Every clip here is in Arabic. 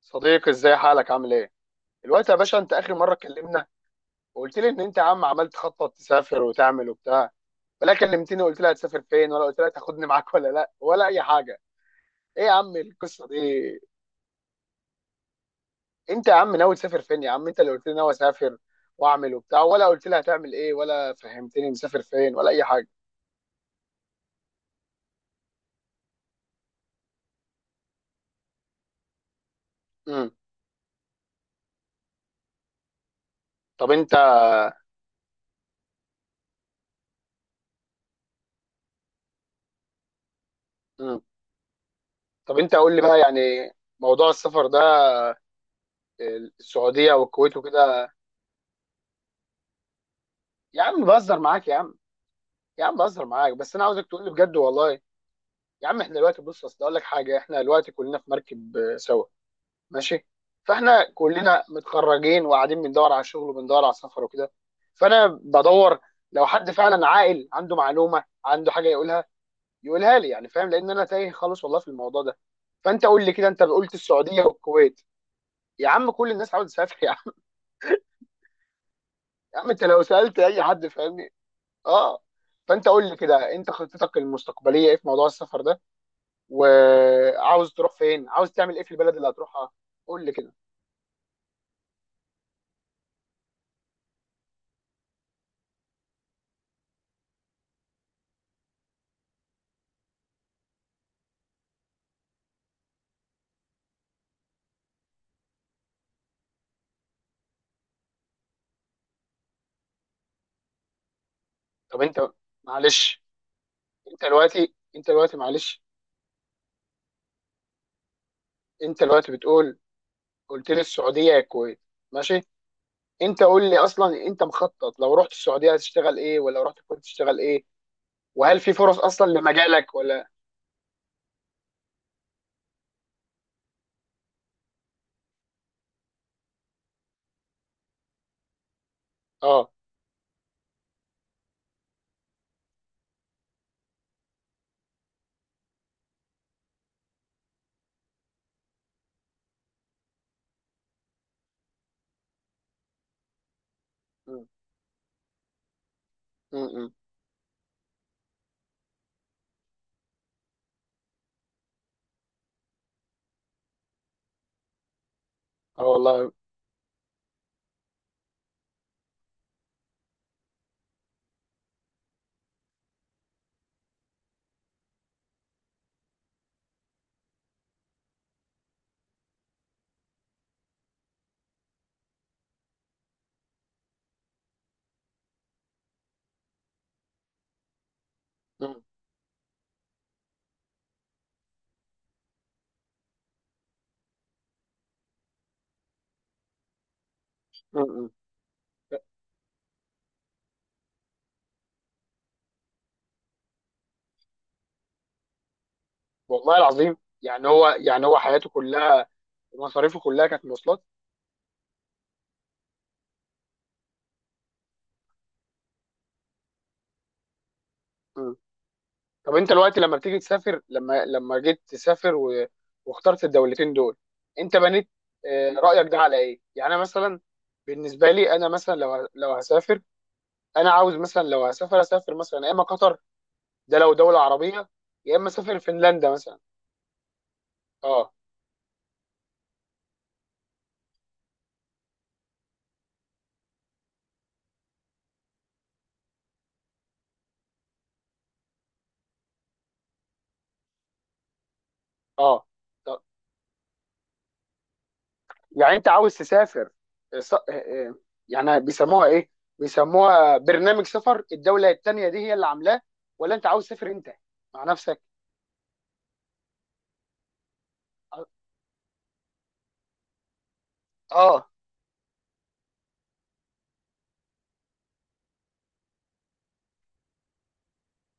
صديقي ازاي حالك عامل ايه؟ دلوقتي يا باشا انت اخر مره اتكلمنا وقلت لي ان انت يا عم عمال تخطط تسافر وتعمل وبتاع ولا كلمتني وقلت لي هتسافر فين ولا قلت لي هتاخدني معاك ولا لا ولا اي حاجه. ايه يا عم القصه دي؟ انت يا عم ناوي تسافر فين يا عم؟ انت اللي قلت لي ناوي اسافر واعمل وبتاع، ولا قلت لي هتعمل ايه ولا فهمتني مسافر فين ولا اي حاجه. امم طب انت امم طب انت قول لي بقى يعني موضوع السفر ده. آه، السعوديه والكويت وكده. يا عم بهزر معاك يا عم، يا عم بهزر معاك، بس انا عاوزك تقول لي بجد والله. يا عم احنا دلوقتي، بص اصل اقول لك حاجه، احنا دلوقتي كلنا في مركب آه، سوا. ماشي. فاحنا كلنا متخرجين وقاعدين بندور على شغل وبندور على سفر وكده، فانا بدور لو حد فعلا عاقل عنده معلومه عنده حاجه يقولها، يقولها لي يعني، فاهم؟ لان انا تايه خالص والله في الموضوع ده. فانت قول لي كده، انت قلت السعوديه والكويت. يا عم كل الناس عاوز تسافر يا عم، يا عم انت لو سالت اي حد فاهمني. اه. فانت قول لي كده، انت خطتك المستقبليه ايه في موضوع السفر ده؟ وعاوز تروح فين؟ عاوز تعمل ايه في البلد اللي هتروحها؟ قول لي كده. طب معلش انت دلوقتي معلش انت دلوقتي بتقول قلت لي السعوديه يا الكويت. ماشي. انت قول لي اصلا، انت مخطط لو رحت السعوديه هتشتغل ايه، ولا رحت الكويت تشتغل ايه؟ وهل في فرص اصلا لمجالك ولا؟ اه. م- م- م. اه والله. م- م- م. والله العظيم. يعني هو، يعني هو حياته كلها، مصاريفه كلها كانت مواصلات. م. طب انت دلوقتي لما جيت تسافر و... واخترت الدولتين دول، انت بنيت آه، رأيك ده على ايه؟ يعني انا مثلا، بالنسبه لي انا مثلا لو لو هسافر، انا عاوز مثلا لو هسافر اسافر مثلا يا اما قطر، ده لو دولة عربية، يا اما اسافر فنلندا مثلا. اه اه. طب يعني انت عاوز تسافر آه، يعني بيسموها ايه، بيسموها برنامج سفر الدولة التانية دي هي اللي عاملاه، ولا انت عاوز تسافر انت مع نفسك؟ اه اه.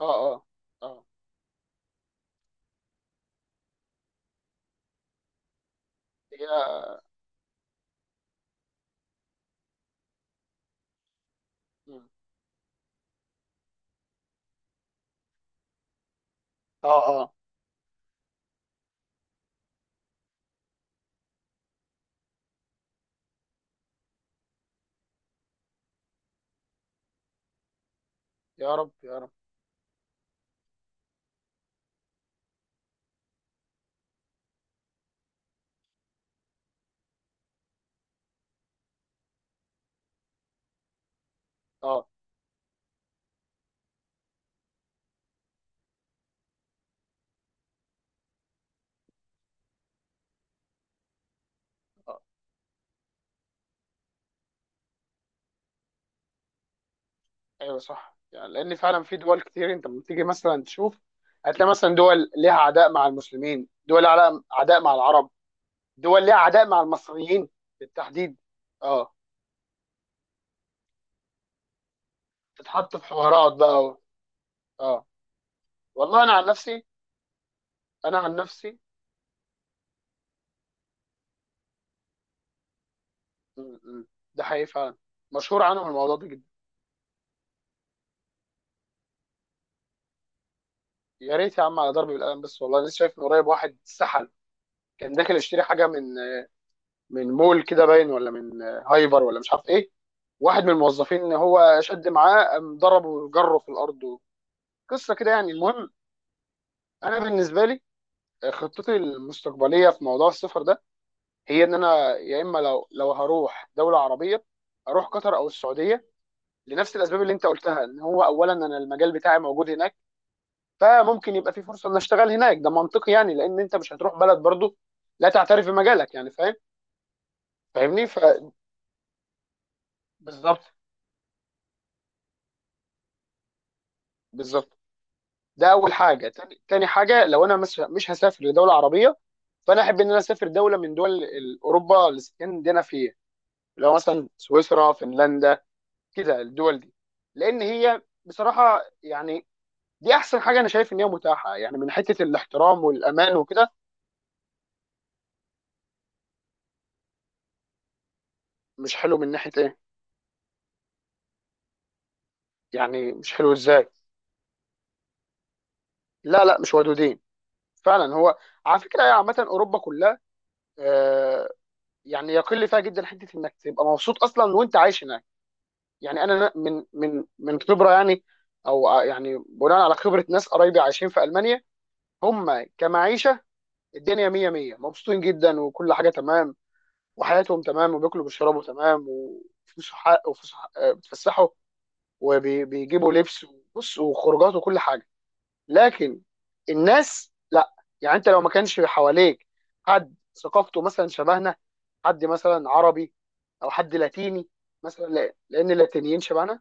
اه اه. آه. يا. مم. اه اه. يا رب يا رب. اه اه. ايوه صح، يعني لان فعلا في دول كتير انت لما تيجي مثلا تشوف، هتلاقي مثلا دول ليها عداء مع المسلمين، دول لها عداء مع العرب، دول ليها عداء مع المصريين بالتحديد. اه. تتحط في حوارات بقى و... اه والله. انا عن نفسي، انا عن نفسي، مم، مم. ده حقيقي فعلا، مشهور عنهم الموضوع ده جدا. يا ريت يا عم على ضرب بالقلم بس، والله لسه شايف من قريب واحد سحل، كان داخل يشتري حاجه من، من مول كده باين ولا من هايبر ولا مش عارف ايه، واحد من الموظفين ان هو شد معاه قام ضربه وجره في الارض. قصه كده يعني، المهم انا بالنسبه لي خطتي المستقبليه في موضوع السفر ده، هي ان انا يا اما لو هروح دوله عربيه اروح قطر او السعوديه لنفس الاسباب اللي انت قلتها، ان هو اولا انا المجال بتاعي موجود هناك، فممكن يبقى في فرصه ان اشتغل هناك. ده منطقي يعني، لان انت مش هتروح بلد برضو لا تعترف بمجالك، يعني فاهم فاهمني. ف بالظبط، بالظبط. ده اول حاجه. تاني, تاني حاجه، لو انا مش هسافر لدوله عربيه، فانا احب ان انا اسافر دوله من دول اوروبا الاسكندنافيه، اللي هو مثلا سويسرا، فنلندا، كده الدول دي. لان هي بصراحه يعني، دي احسن حاجه انا شايف ان هي متاحه، يعني من حته الاحترام والامان وكده. مش حلو من ناحيه ايه؟ يعني مش حلو ازاي؟ لا لا مش ودودين فعلا. هو على فكره هي عامه اوروبا كلها، آه، يعني يقل فيها جدا حته انك تبقى مبسوط اصلا وانت عايش هناك. يعني انا من خبره يعني، او يعني بناء على خبره ناس قرايبي عايشين في المانيا. هم كمعيشه الدنيا مية مية، مبسوطين جدا وكل حاجه تمام، وحياتهم تمام، وبياكلوا وبيشربوا تمام، وفلوسهم حق، وفلوسهم حق آه، بيتفسحوا وبيجيبوا لبس وبص وخروجات وكل حاجه. لكن الناس لا. يعني انت لو ما كانش حواليك حد ثقافته مثلا شبهنا، حد مثلا عربي، او حد لاتيني مثلا، لان اللاتينيين شبهنا.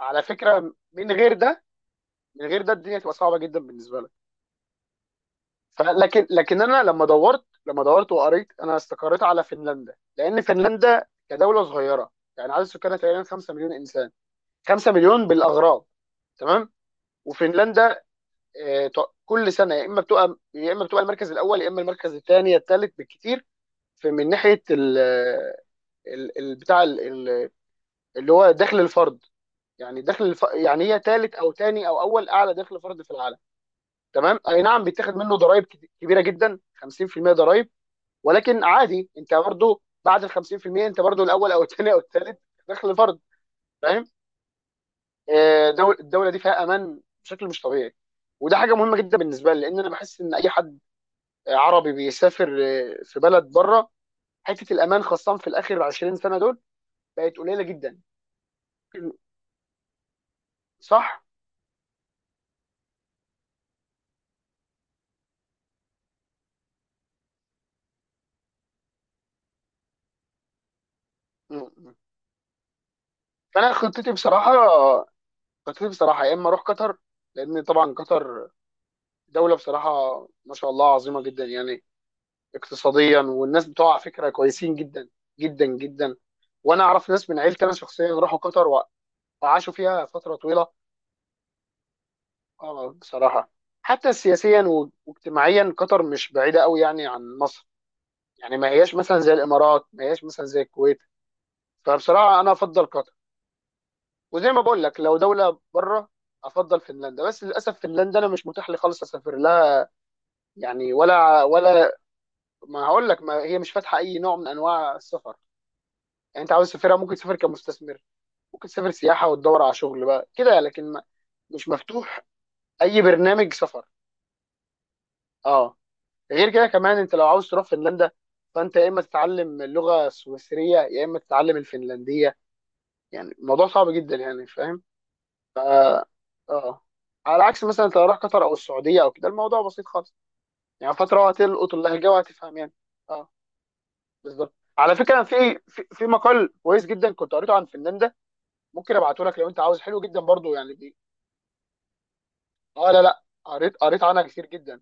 على فكره من غير ده، من غير ده الدنيا تبقى صعبه جدا بالنسبه لك. فلكن، لكن انا لما دورت، لما دورت وقريت، انا استقريت على فنلندا، لان فنلندا كدوله صغيره، يعني عدد سكانها تقريبا 5 مليون انسان، 5 مليون بالاغراب. تمام. وفنلندا آه، كل سنه يا اما بتبقى، يا اما بتبقى المركز الاول، يا اما المركز الثاني الثالث بالكثير، في من ناحيه ال ال- بتاع ال- ال- اللي هو دخل الفرد. يعني دخل يعني هي ثالث او ثاني او اول اعلى دخل فرد في العالم. تمام. اي نعم بيتاخد منه ضرائب كبيره جدا، 50% ضرائب، ولكن عادي انت برضو بعد ال 50% انت برضو الاول او الثاني او الثالث دخل فرد. فاهم. آه، دول الدوله دي فيها امان بشكل مش طبيعي، وده حاجه مهمه جدا بالنسبه لي، لان انا بحس ان اي حد عربي بيسافر آه، في بلد بره، حته الامان خاصه في الاخر 20 سنه دول بقت قليله جدا. صح. م- م. فانا خطتي بصراحه، خطتي بصراحه يا اما اروح قطر، لان طبعا قطر دولة بصراحة ما شاء الله عظيمة جدا يعني، اقتصاديا، والناس بتوع على فكرة كويسين جدا، جدا جدا. وانا اعرف ناس من عيلتي انا شخصيا راحوا قطر وعاشوا فيها فترة طويلة. اه بصراحة، حتى سياسيا واجتماعيا قطر مش بعيدة قوي يعني عن مصر. يعني ما هياش مثلا زي الامارات، ما هياش مثلا زي الكويت. فبصراحة انا افضل قطر. وزي ما بقول لك لو دولة بره، افضل فنلندا. بس للاسف فنلندا انا مش متاح لي خالص اسافر لها، يعني ولا ولا. ما هقول لك، ما هي مش فاتحه اي نوع من انواع السفر. يعني انت عاوز تسافرها ممكن تسافر كمستثمر، ممكن تسافر سياحه وتدور على شغل بقى كده، لكن ما مش مفتوح اي برنامج سفر. اه. غير كده كمان، انت لو عاوز تروح فنلندا، فانت يا اما تتعلم اللغه السويسريه، يا اما تتعلم الفنلنديه. يعني الموضوع صعب جدا يعني، فاهم؟ ف اه. على عكس مثلا انت لو رايح قطر او السعوديه او كده، الموضوع بسيط خالص، يعني فتره وهتلقط اللهجه وهتفهم يعني. اه. بالظبط. على فكره في مقال كويس جدا كنت قريته عن فنان ده، ممكن ابعته لك لو انت عاوز، حلو جدا برضو يعني اه لا لا، قريت قريت عنها كتير جدا.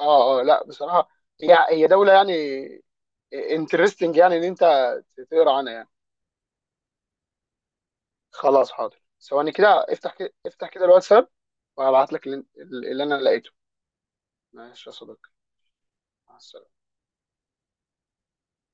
اه اه لا بصراحه، هي هي دوله يعني انترستنج يعني ان انت تقرا عنها يعني. خلاص حاضر ثواني، كده افتح كده افتح كده الواتساب وهبعت لك اللي انا لقيته. ماشي يا صديقي. مع السلامه.